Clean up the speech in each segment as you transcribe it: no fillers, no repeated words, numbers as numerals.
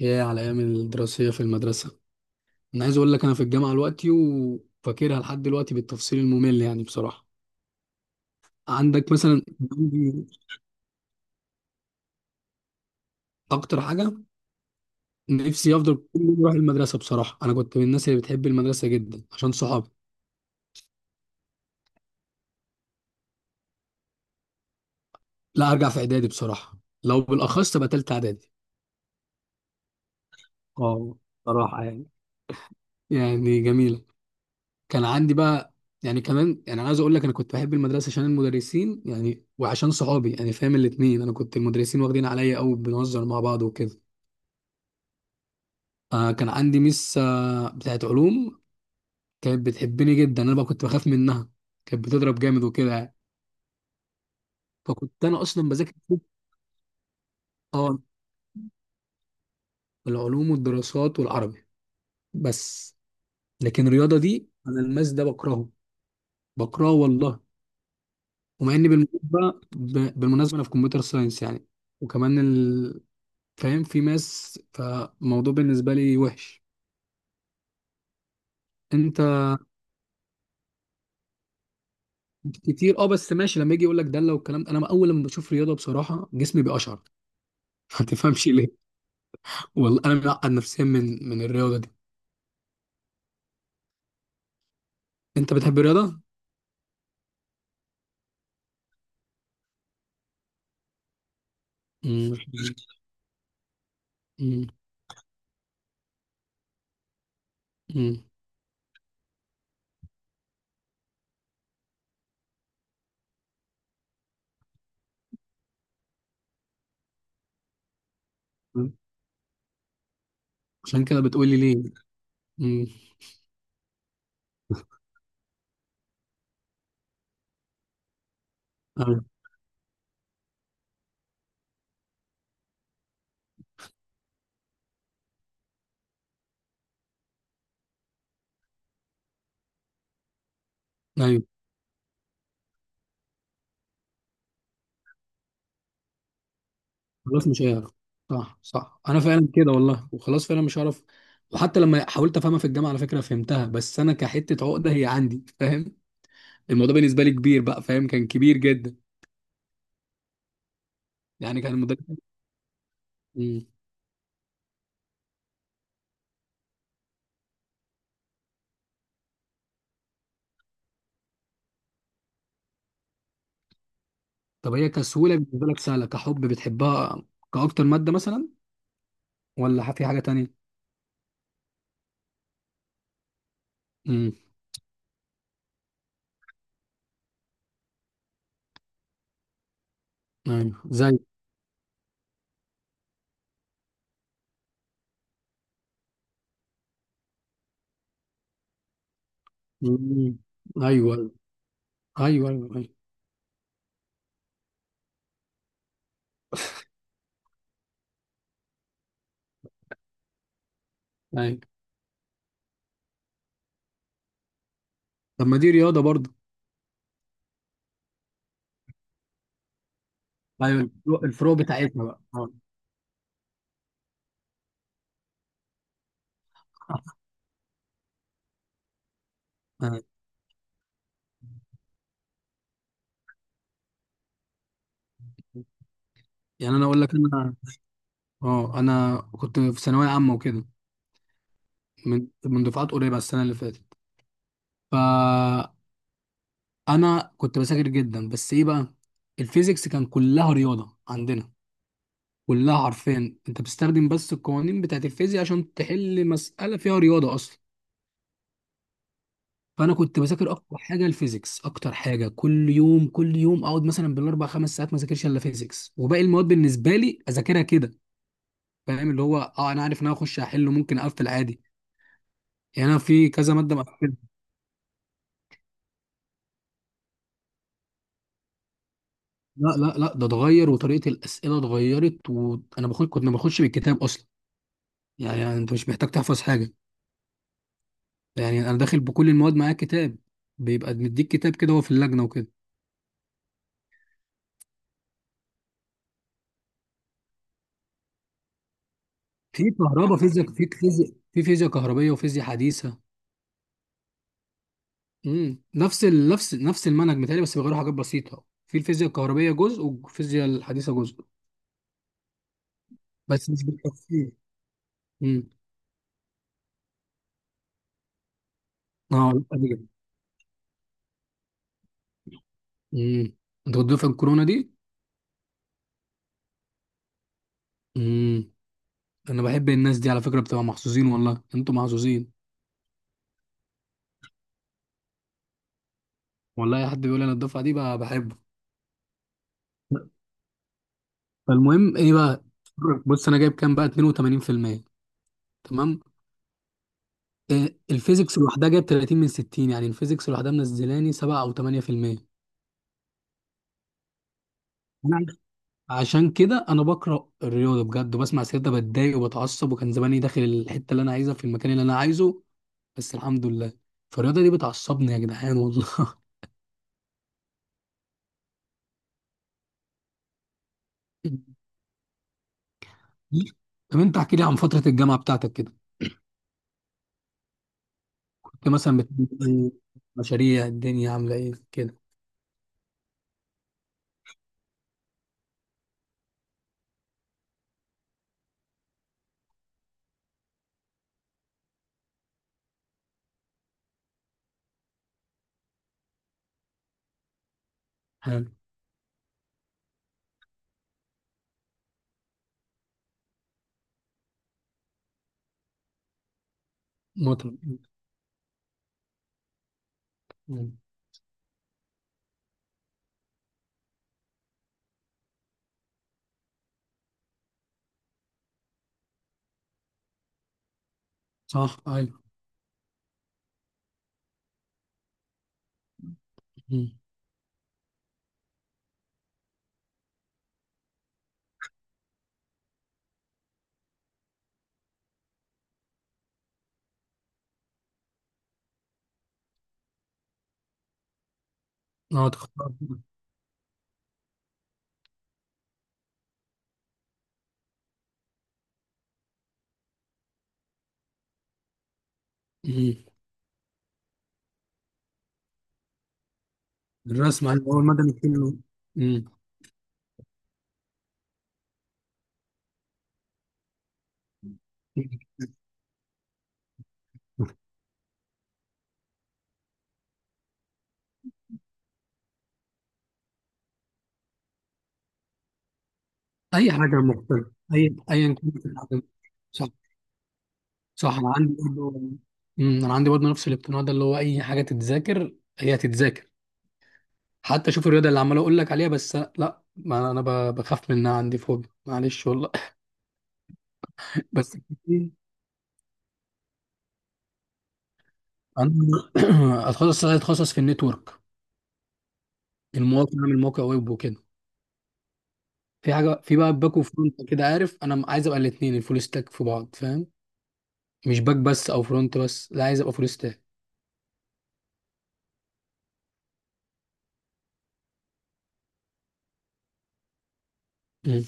يا على ايام الدراسيه في المدرسه. انا عايز اقول لك انا في الجامعه دلوقتي وفاكرها لحد دلوقتي بالتفصيل الممل، يعني بصراحه. عندك مثلا، عندي اكتر حاجه نفسي افضل كل يوم اروح المدرسه، بصراحه انا كنت من الناس اللي بتحب المدرسه جدا عشان صحابي. لا، ارجع في اعدادي بصراحه، لو بالاخص تبقى تالته اعدادي. اه، بصراحه يعني، يعني جميله. كان عندي بقى، يعني كمان، يعني انا عايز اقول لك انا كنت بحب المدرسه عشان المدرسين يعني وعشان صحابي يعني، فاهم الاتنين. انا كنت المدرسين واخدين عليا قوي، بنهزر مع بعض وكده. آه، كان عندي ميس آه بتاعت علوم، كانت بتحبني جدا. انا بقى كنت بخاف منها، كانت بتضرب جامد وكده يعني. فكنت انا اصلا بذاكر. اه، العلوم والدراسات والعربي بس. لكن الرياضه دي، انا الماس ده بكرهه، بكرهه والله. ومع اني بالمناسبه بالمناسبه انا في كمبيوتر ساينس يعني، وكمان فاهم في ماس، فالموضوع بالنسبه لي وحش. انت. كتير اه، بس ماشي لما يجي يقول لك دله والكلام ده، انا اول لما بشوف رياضه بصراحه جسمي بيقشعر. ما تفهمش ليه. والله انا معقد نفسيا من الرياضه دي. انت بتحب الرياضه؟ مم. مم. مم. عشان كده بتقولي ليه. مم. ايوه. ايوه. خلاص مش هيعرف. صح صح، انا فعلا كده والله، وخلاص فعلا مش هعرف. وحتى لما حاولت افهمها في الجامعه على فكره فهمتها، بس انا كحته عقده هي عندي فاهم. الموضوع بالنسبه لي كبير بقى فاهم، كان كبير جدا. يعني كان المدرس. مم. طب هي كسهوله بالنسبه لك سهله، كحب بتحبها كاكتر ماده مثلا؟ ولا في حاجه تانية؟ امم. ايوه زي. مم. ايوه ايوه ايوه ايوه. ايوه. أيوة. طب ما دي رياضه برضه. ايوه الفروق، الفروق بتاعتنا بقى آه. آه. يعني انا اقول لك انا، اه انا كنت في ثانويه عامه وكده، من دفعات قريبه السنه اللي فاتت. فانا كنت بذاكر جدا، بس ايه بقى؟ الفيزيكس كان كلها رياضه عندنا، كلها. عارفين انت بتستخدم بس القوانين بتاعت الفيزياء عشان تحل مساله فيها رياضه اصلا. فانا كنت بذاكر اكتر حاجه الفيزيكس، اكتر حاجه كل يوم، كل يوم اقعد مثلا بالاربع خمس ساعات ما اذاكرش الا فيزيكس، وباقي المواد بالنسبه لي اذاكرها كده. فاهم اللي هو اه، انا عارف ان انا اخش احله ممكن اقفل عادي. يعني انا في كذا ماده مقفلها. لا لا لا، ده اتغير وطريقه الاسئله اتغيرت، وانا بخش كنت ما باخدش بالكتاب اصلا. يعني انت مش محتاج تحفظ حاجه. يعني انا داخل بكل المواد معايا كتاب، بيبقى مديك كتاب كده هو في اللجنه وكده. في كهرباء فيزياء، في فيزياء، في فيزياء كهربيه وفيزياء حديثه. امم، نفس ال... نفس نفس المنهج متهيألي، بس بيغيروا حاجات بسيطة في الفيزياء الكهربية جزء والفيزياء الحديثة جزء. بس مش بالتفصيل. امم. اه لأ دي جامدة. امم. انت كنت في الكورونا دي؟ امم. انا بحب الناس دي على فكرة، بتبقى محظوظين، والله انتوا محظوظين. والله اي حد بيقول انا الدفعة دي بقى بحبه. فالمهم ايه بقى؟ بص انا جايب كام بقى؟ 82%. تمام. آه، الفيزيكس لوحدها جايب 30 من 60، يعني الفيزيكس لوحدها منزلاني 7 او 8%. عشان كده انا بكره الرياضه بجد، وبسمع سيرتها بتضايق وبتعصب، وكان زماني داخل الحته اللي انا عايزها في المكان اللي انا عايزه. بس الحمد لله. فالرياضه دي بتعصبني يا جدعان والله. طب انت احكي لي عن فتره الجامعه بتاعتك كده، كنت مثلا بتعمل إيه؟ مشاريع الدنيا عامله ايه كده؟ حلو. متعب. مم. صح ايوه. مم. اه تختار. مم. الرسم عارف، هو المدني كله. مم. اي حاجه مختلفه، اي ايا كانت الحاجة. صح انا عندي برضه. أمم، انا عندي برضه نفس الاقتناع ده، اللي هو اي حاجه تتذاكر هي هتتذاكر. حتى شوف الرياضه اللي عمال اقول لك عليها، بس لا، ما انا بخاف منها عندي فوبيا، معلش والله. بس كتير. انا اتخصص في النتورك، المواقع، اعمل موقع ويب وكده. في حاجه في بقى باك وفرونت كده عارف، انا عايز ابقى الاثنين، الفول ستاك في بعض فاهم. مش باك بس او فرونت بس، لا عايز ابقى فول ستاك. أمم.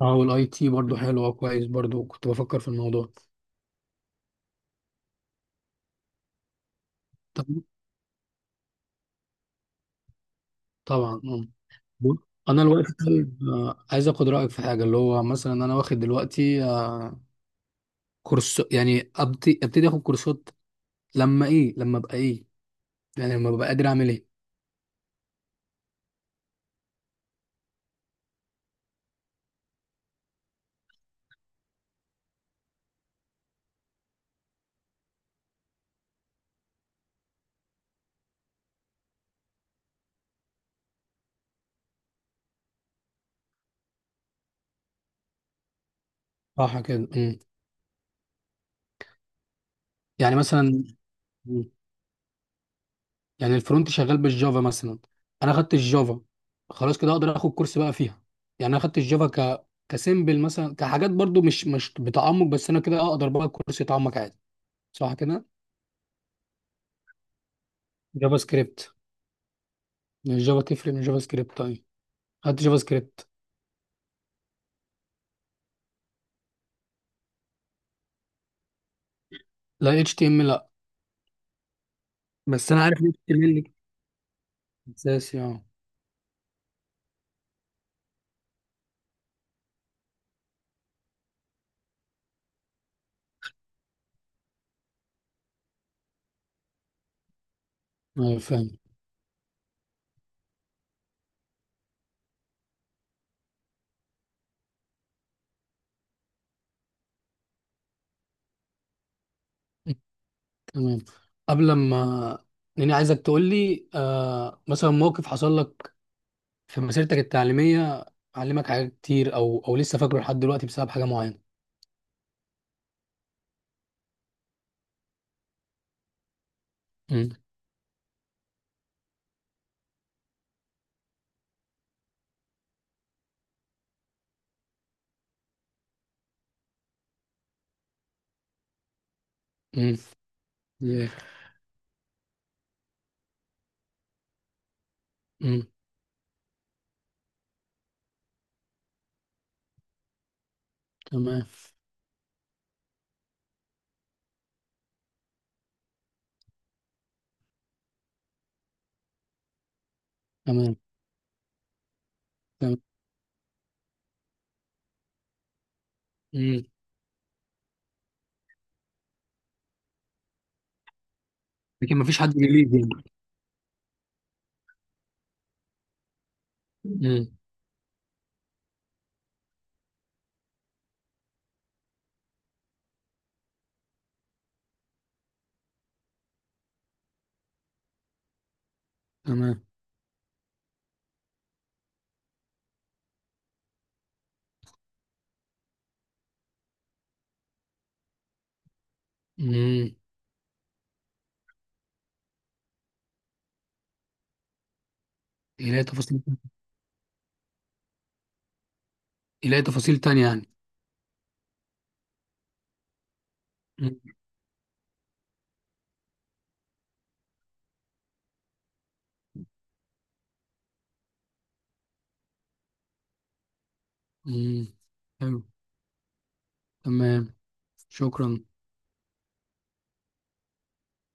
اه والاي تي برضه حلو، اه كويس، برضه كنت بفكر في الموضوع. طب- طبعا آه. بص، انا الوقت طالب آه، عايز اخد رايك في حاجه، اللي هو مثلا انا واخد دلوقتي آه، كورس، يعني ابتدي اخد كورسات. لما ايه؟ لما ابقى ايه؟ يعني لما ببقى قادر اعمل ايه؟ صح كده. أمم. يعني مثلا. أمم. يعني الفرونت شغال بالجافا مثلا، انا خدت الجافا، خلاص كده اقدر اخد كورس بقى فيها. يعني انا خدت الجافا ك كسيمبل مثلا كحاجات برضو مش بتعمق، بس انا كده اقدر بقى كورس يتعمق عادي. صح كده. جافا سكريبت. الجافا تفرق من جافا سكريبت؟ طيب، خدت جافا سكريبت. لا HTML. بس انا عارف HTML، اساسي اه. ايوه فاهم. تمام. قبل ما. لاني عايزك تقول لي آه مثلا موقف حصل لك في مسيرتك التعليميه علمك حاجات كتير، او لسه فاكره لحد دلوقتي بسبب حاجه معينه. امم. امم. ياه. امم. تمام. تمام. تمام. امم. لكن مفيش حد بيليد يعني. امم. تمام. امم. يلاقي تفاصيل. يلاقي تفاصيل تانية يعني. امم. امم. حلو. تمام. شكرا.